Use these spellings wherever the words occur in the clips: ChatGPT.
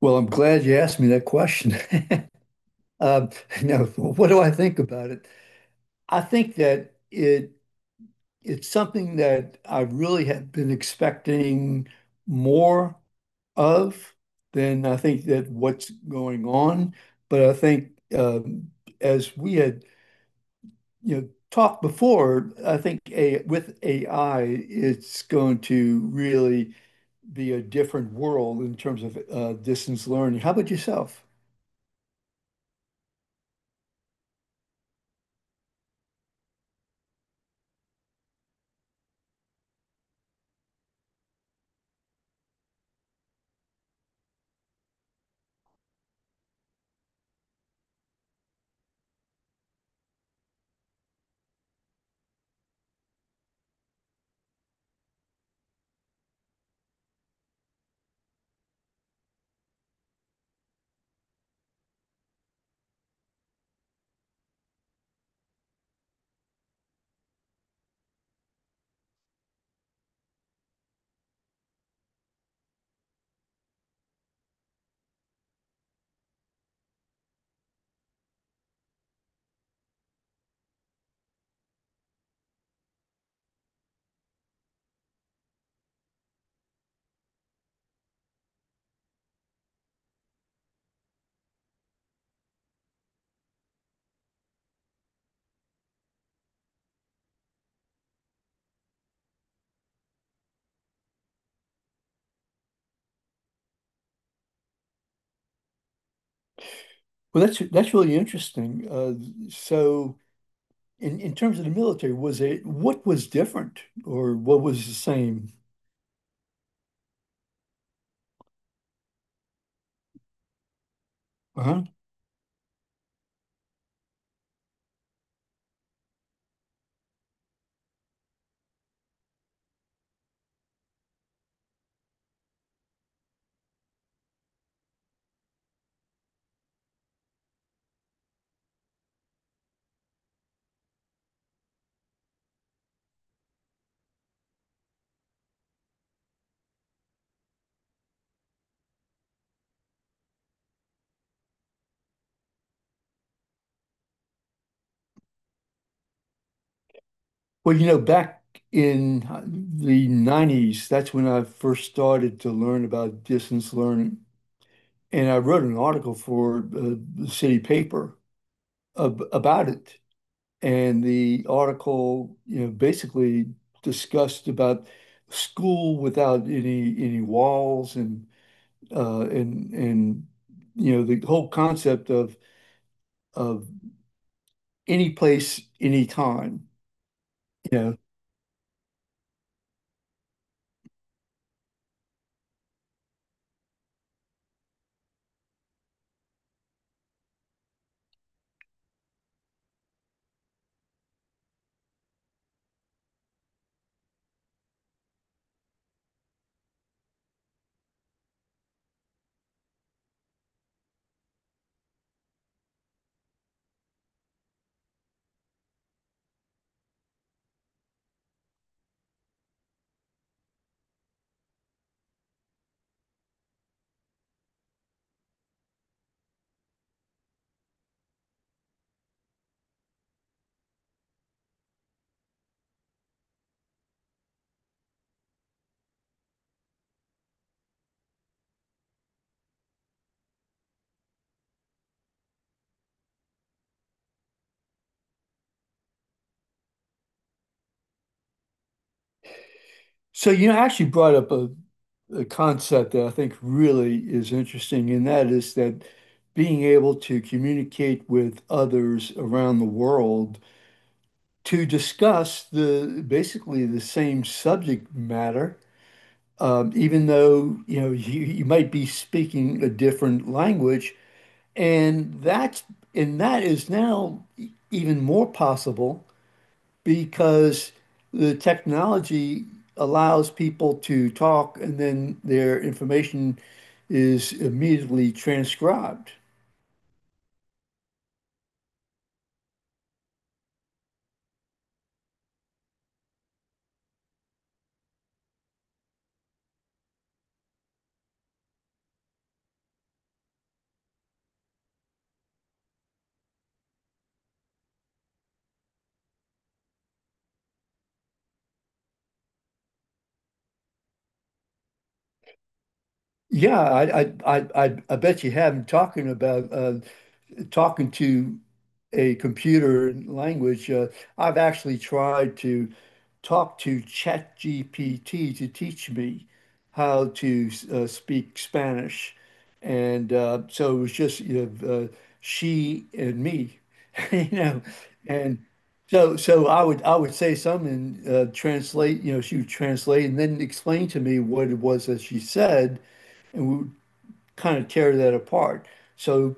Well, I'm glad you asked me that question. Um, Now, what do I think about it? I think that it's something that I really have been expecting more of than I think that what's going on. But I think um, as we had talked before, I think a with AI, it's going to really be a different world in terms of distance learning. How about yourself? Well, that's really interesting. So, in terms of the military, was it what was different or what was the same? Uh-huh. Well, you know, back in the 90s, that's when I first started to learn about distance learning, and I wrote an article for the city paper ab about it. And the article, you know, basically discussed about school without any walls and uh, and and the whole concept of any place, any time. You know, so you know, I actually brought up a concept that I think really is interesting, and that is that being able to communicate with others around the world to discuss the basically the same subject matter, even though you know you might be speaking a different language. And that's and that is now even more possible because the technology allows people to talk and then their information is immediately transcribed. Yeah, I bet you have been talking about talking to a computer language. I've actually tried to talk to ChatGPT to teach me how to speak Spanish. And so it was just, you know, she and me, you know, and so I would say something and translate, you know, she would translate and then explain to me what it was that she said, and we would kind of tear that apart. So,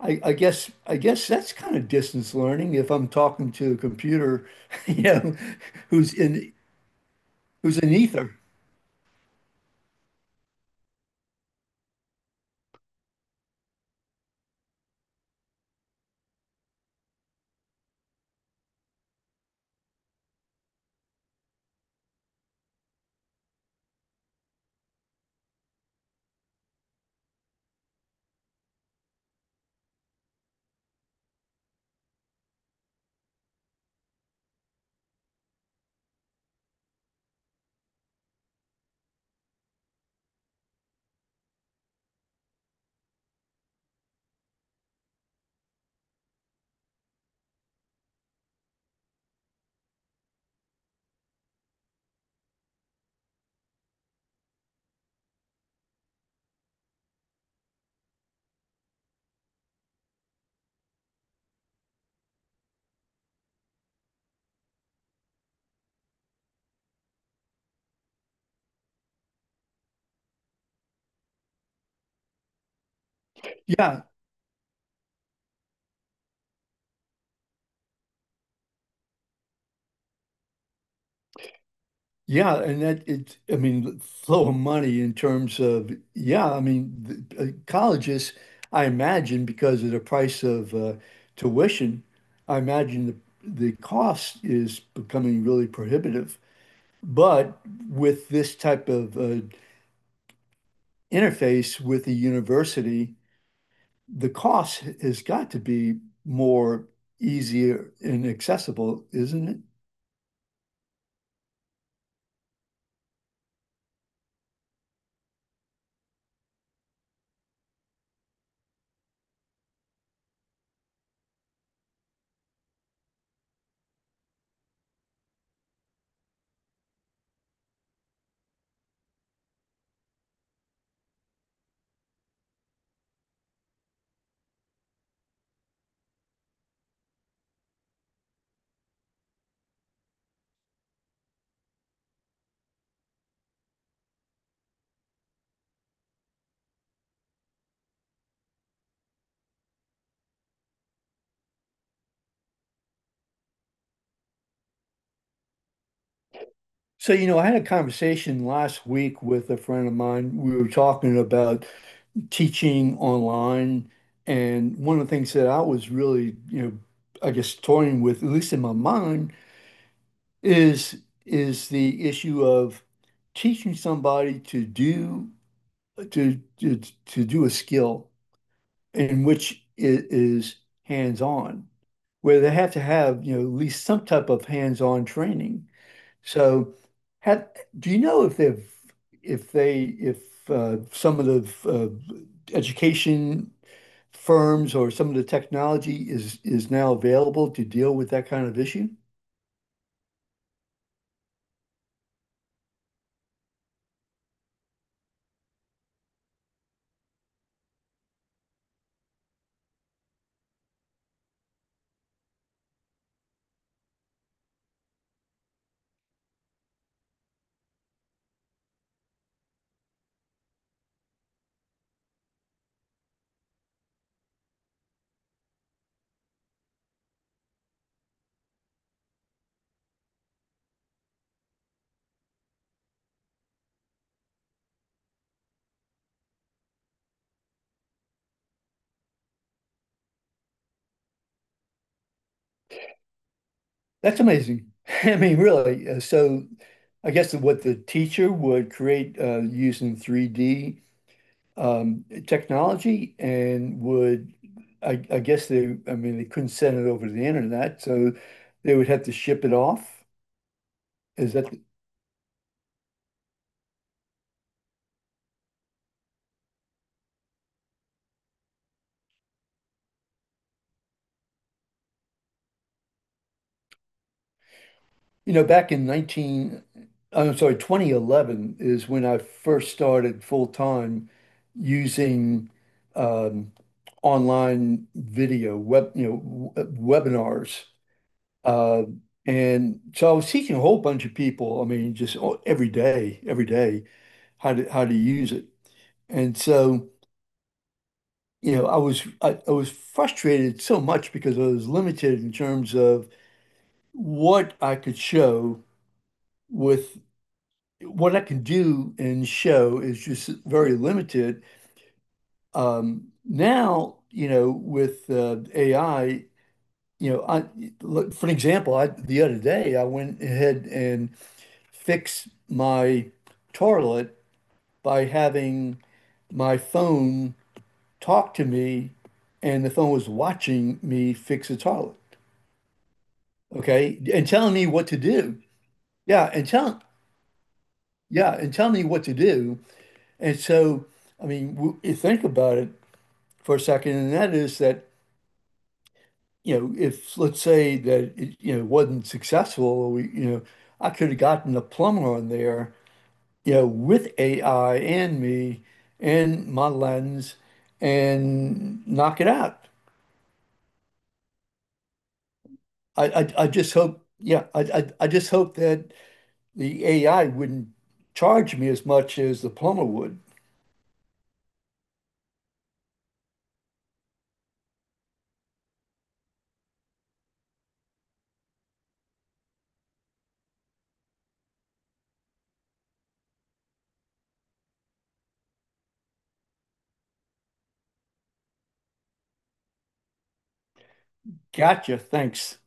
I guess that's kind of distance learning if I'm talking to a computer, you know, who's in who's in ether. Yeah, yeah, and that it. I mean, flow of money in terms of yeah. I mean, the colleges, I imagine, because of the price of tuition, I imagine the cost is becoming really prohibitive. But with this type of interface with the university, the cost has got to be more easier and accessible, isn't it? So, you know, I had a conversation last week with a friend of mine. We were talking about teaching online. And one of the things that I was really, you know, I guess toying with, at least in my mind, is is the issue of teaching somebody to to, to do a skill in which it is hands-on, where they have to have, you know, at least some type of hands-on training. So, have, do you know if if they, if some of the education firms or some of the technology is now available to deal with that kind of issue? That's amazing. I mean, really. I guess what the teacher would create using 3D technology and I guess I mean, they couldn't send it over to the internet, so they would have to ship it off. Is that, you know, I'm sorry, 2011 is when I first started full time using um, online video, web, you know, webinars. Uh, and so I was teaching a whole bunch of people, I mean, just every day, how to use it. And so, you know, I was frustrated so much because I was limited in terms of what I could show with what I can do and show is just very limited. Now, you know, with AI, you know, I look, for an example, I the other day I went ahead and fixed my toilet by having my phone talked to me and the phone was watching me fix a toilet. Okay. And telling me what to do. Yeah. And tell me what to do. And so, I mean, you think about it for a second, and that is that, you know, if let's say that it, you know, wasn't successful, or we, you know, I could have gotten a plumber on there, you know, with AI and me and my lens and knock it out. I just hope, yeah, I just hope that the AI wouldn't charge me as much as the plumber would. Gotcha. Thanks.